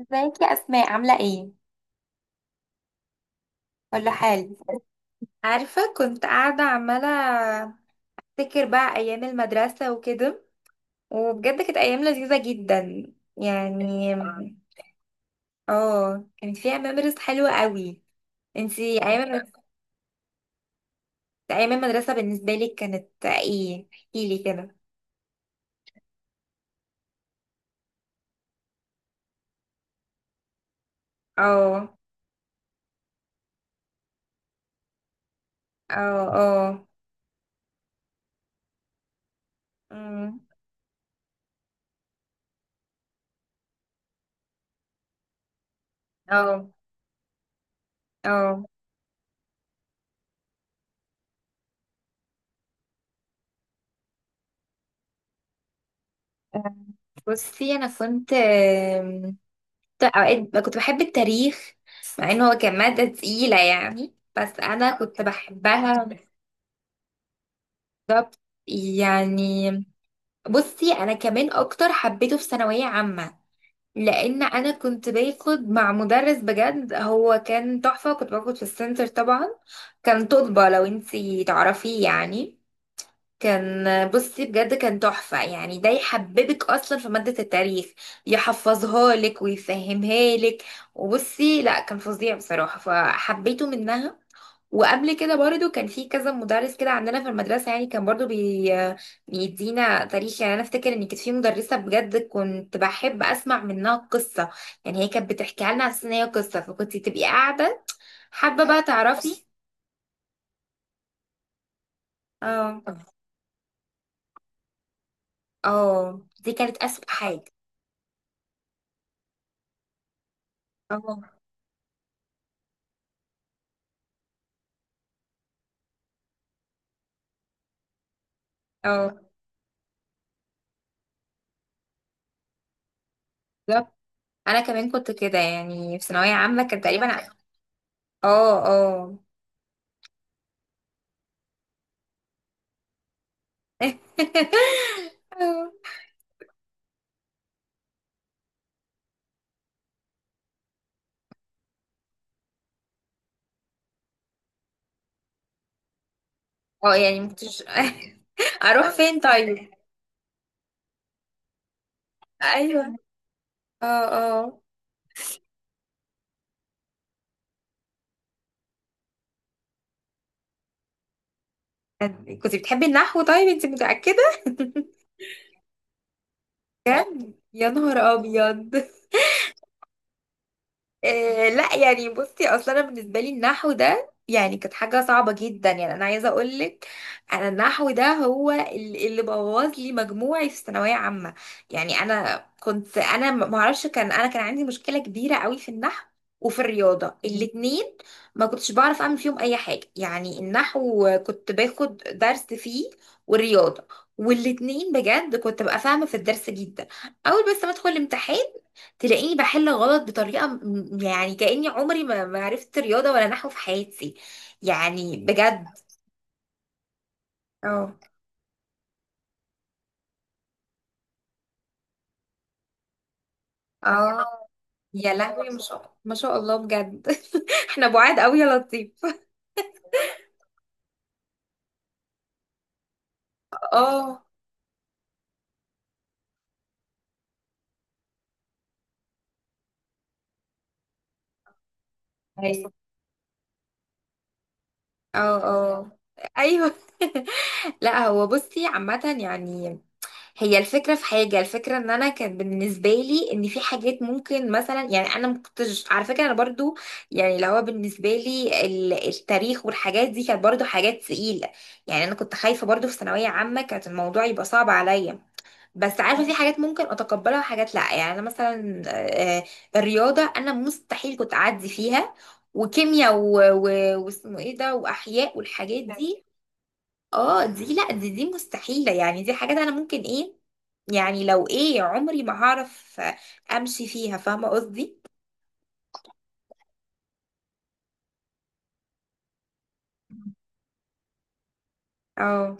ازيك يا اسماء؟ عامله ايه؟ كله حال. عارفه كنت قاعده عماله افتكر بقى ايام المدرسه وكده، وبجد كانت ايام لذيذه جدا يعني. اه، كانت فيها ميموريز حلوه قوي. انتي ايام، ايام المدرسه بالنسبه لك كانت ايه؟ احكي لي كده. اه، اه، اه، أمم، اه، اه، آه. بصي انا كنت اوقات كنت بحب التاريخ، مع ان هو كان مادة تقيلة يعني، بس انا كنت بحبها. بالظبط يعني. بصي انا كمان اكتر حبيته في ثانوية عامة، لان انا كنت باخد مع مدرس، بجد هو كان تحفة. كنت باخد في السنتر طبعا. كان طلبة، لو انتي تعرفيه يعني. كان، بصي بجد كان تحفة يعني، ده يحببك أصلا في مادة التاريخ، يحفظها لك ويفهمها لك. وبصي لا، كان فظيع بصراحة، فحبيته منها. وقبل كده برضو كان في كذا مدرس كده عندنا في المدرسة يعني، كان برضو بيدينا تاريخ. يعني أنا أفتكر إن كانت في مدرسة بجد كنت بحب أسمع منها قصة، يعني هي كانت بتحكيها لنا على أساس إن هي قصة، فكنت تبقي قاعدة حابة بقى تعرفي. اه، اه دي كانت أسوأ حاجة. اه، اه، بالظبط. انا كمان كنت كده يعني في ثانويه عامه كان تقريبا. اه، اه، اه يعني مكنتش، اروح فين طيب؟ ايوه، اه، اه، كنت بتحبي النحو؟ طيب انت متاكده؟ يا نهار ابيض. آه لا يعني، بصي اصلا انا بالنسبه لي النحو ده يعني كانت حاجه صعبه جدا، يعني انا عايزه اقول لك، انا النحو ده هو اللي بوظ لي مجموعي في ثانويه عامه. يعني انا كنت، انا ما اعرفش، كان انا كان عندي مشكله كبيره قوي في النحو وفي الرياضه الاتنين. ما كنتش بعرف اعمل فيهم اي حاجه يعني. النحو كنت باخد درس فيه، والرياضه، والاتنين بجد كنت ببقى فاهمه في الدرس جدا اول، بس ما ادخل الامتحان تلاقيني بحل غلط بطريقة يعني كأني عمري ما عرفت رياضة ولا نحو في حياتي، يعني بجد. اه، اه، يا لهوي ما شاء الله بجد. احنا بعاد قوي يا لطيف. اه، اه، اه، ايوه. لا هو بصي عامة يعني، هي الفكرة في حاجة، الفكرة ان انا كان بالنسبة لي ان في حاجات ممكن مثلا، يعني انا مكنتش على فكرة، انا برضو يعني اللي هو بالنسبة لي التاريخ والحاجات دي كانت برضو حاجات تقيلة. يعني انا كنت خايفة برضو في ثانوية عامة كانت الموضوع يبقى صعب عليا، بس عارفة في حاجات ممكن اتقبلها وحاجات لا. يعني انا مثلا الرياضة انا مستحيل كنت اعدي فيها، وكيمياء واسمه ايه ده، واحياء والحاجات دي. اه دي لا، دي مستحيلة يعني. دي حاجات انا ممكن ايه يعني، لو ايه عمري ما هعرف امشي فيها، فاهمة قصدي؟ اه،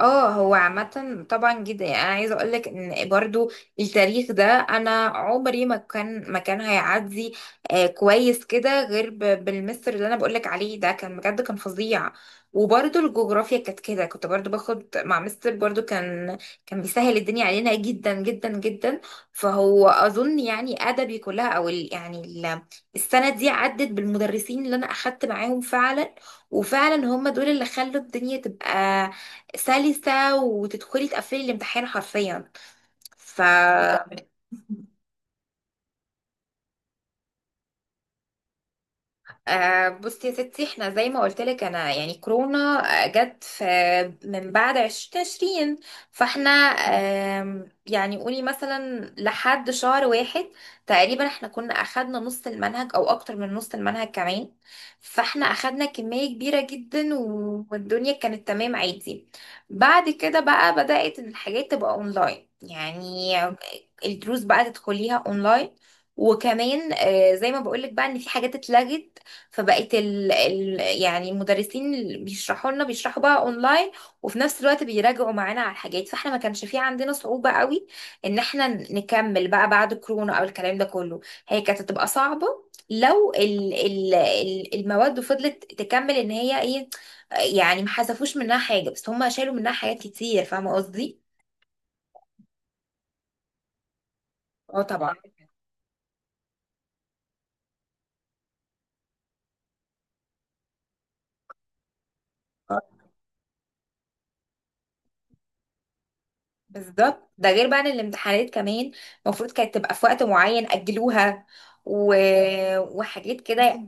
اه هو عامة طبعا جدا. يعني انا عايزة اقولك ان برضو التاريخ ده انا عمري ما كان هيعدي. آه كويس كده، غير بالمستر اللي انا بقولك عليه ده، كان بجد كان فظيع. وبرضو الجغرافيا كانت كده، كنت برضو باخد مع مستر برضو، كان كان بيسهل الدنيا علينا جدا جدا جدا. فهو اظن يعني ادبي كلها، او ال يعني ال، السنة دي عدت بالمدرسين اللي انا اخدت معاهم فعلا، وفعلا هم دول اللي خلوا الدنيا تبقى سلسة، وتدخلي تقفلي الامتحان حرفيا. ف، آه بصي يا ستي، احنا زي ما قلت لك انا، يعني كورونا جت في من بعد 2020، فاحنا يعني قولي مثلا لحد شهر واحد تقريبا احنا كنا اخدنا نص المنهج او اكتر من نص المنهج كمان. فاحنا اخدنا كمية كبيرة جدا، والدنيا كانت تمام عادي. بعد كده بقى بدأت الحاجات تبقى اونلاين يعني، الدروس بقى تدخليها اونلاين. وكمان زي ما بقولك بقى ان في حاجات اتلغت. فبقيت يعني المدرسين اللي بيشرحوا لنا بيشرحوا بقى اونلاين، وفي نفس الوقت بيراجعوا معانا على الحاجات. فاحنا ما كانش في عندنا صعوبة قوي ان احنا نكمل بقى بعد كورونا او الكلام ده كله. هي كانت هتبقى صعبة لو المواد فضلت تكمل ان هي ايه. يعني ما حذفوش منها حاجة، بس هم شالوا منها حاجات كتير، فاهمة قصدي؟ اه طبعا. بالظبط، ده غير بقى ان الامتحانات كمان المفروض كانت تبقى في وقت معين اجلوها، و... وحاجات كده يعني.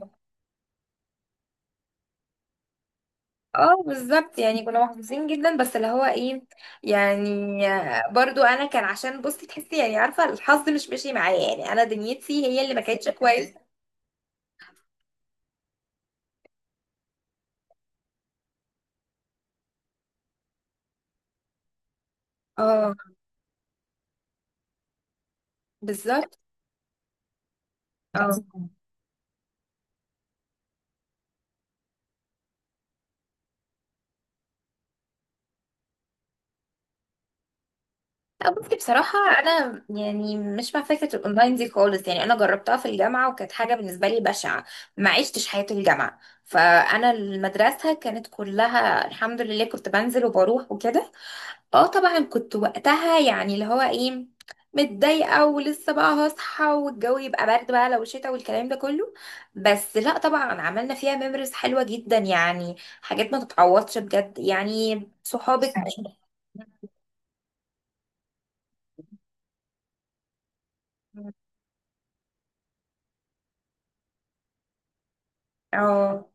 اه بالظبط، يعني كنا محظوظين جدا، بس اللي هو ايه يعني، برضو انا كان عشان بصي تحسي، يعني عارفه الحظ مش ماشي معايا، يعني انا دنيتي هي اللي ما كانتش كويسه. اه بالظبط. اه لا بصي بصراحة أنا يعني مش مع فكرة الأونلاين دي خالص. يعني أنا جربتها في الجامعة وكانت حاجة بالنسبة لي بشعة، ما عشتش حياة الجامعة. فأنا المدرسة كانت كلها الحمد لله كنت بنزل وبروح وكده. اه طبعا كنت وقتها يعني اللي هو ايه، متضايقة، ولسه بقى هصحى والجو يبقى برد بقى لو شتا والكلام ده كله، بس لا طبعا عملنا فيها ميموريز حلوة جدا يعني، حاجات ما تتعوضش بجد يعني صحابك. اه،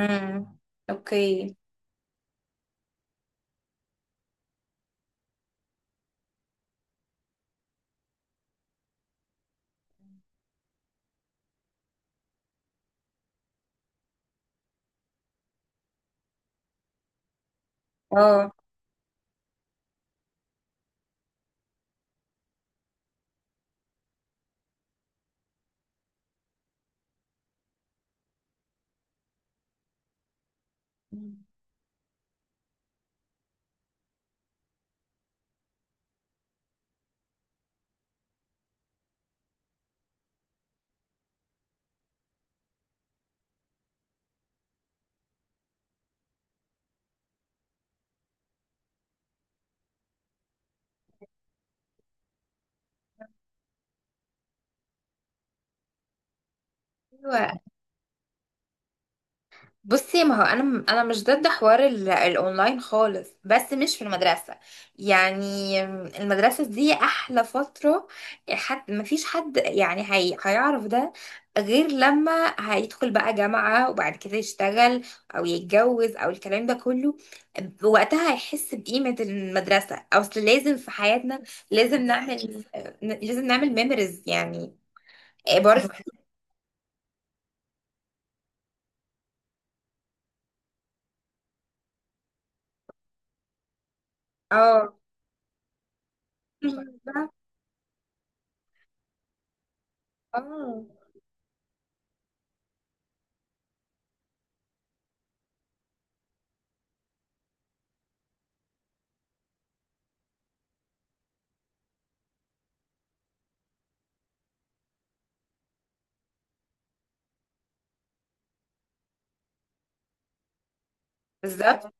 امم، اوكي، اه، مم. ايوه، بصي ما هو انا، مش ضد حوار الاونلاين خالص، بس مش في المدرسه يعني. المدرسه دي احلى فتره، حد ما فيش حد يعني هي هيعرف ده غير لما هيدخل بقى جامعه، وبعد كده يشتغل او يتجوز او الكلام ده كله. وقتها هيحس بقيمه المدرسه. اصل لازم في حياتنا، لازم نعمل، لازم نعمل ميموريز يعني. برضه اه بالظبط. اه بالظبط، بالظبط.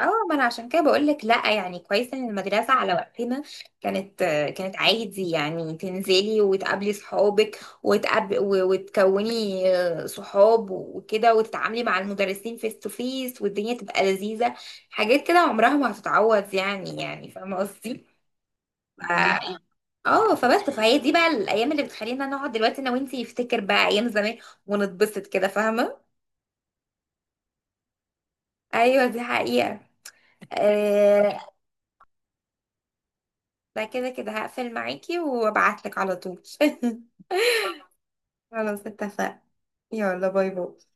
اه ما انا عشان كده بقول لك لا، يعني كويس ان المدرسه على وقتنا كانت، كانت عادي يعني تنزلي وتقابلي صحابك، وتقاب وتكوني صحاب وكده، وتتعاملي مع المدرسين فيس تو فيس، والدنيا تبقى لذيذه. حاجات كده عمرها ما هتتعوض يعني، يعني فاهمه قصدي. بالظبط. اه فبس، فهي دي بقى الايام اللي بتخلينا نقعد دلوقتي انا وانتي نفتكر بقى ايام زمان ونتبسط كده، فاهمه؟ ايوه دي حقيقه. آه، ده كده كده هقفل معاكي وابعتلك على طول. خلاص اتفقنا، يلا باي باي.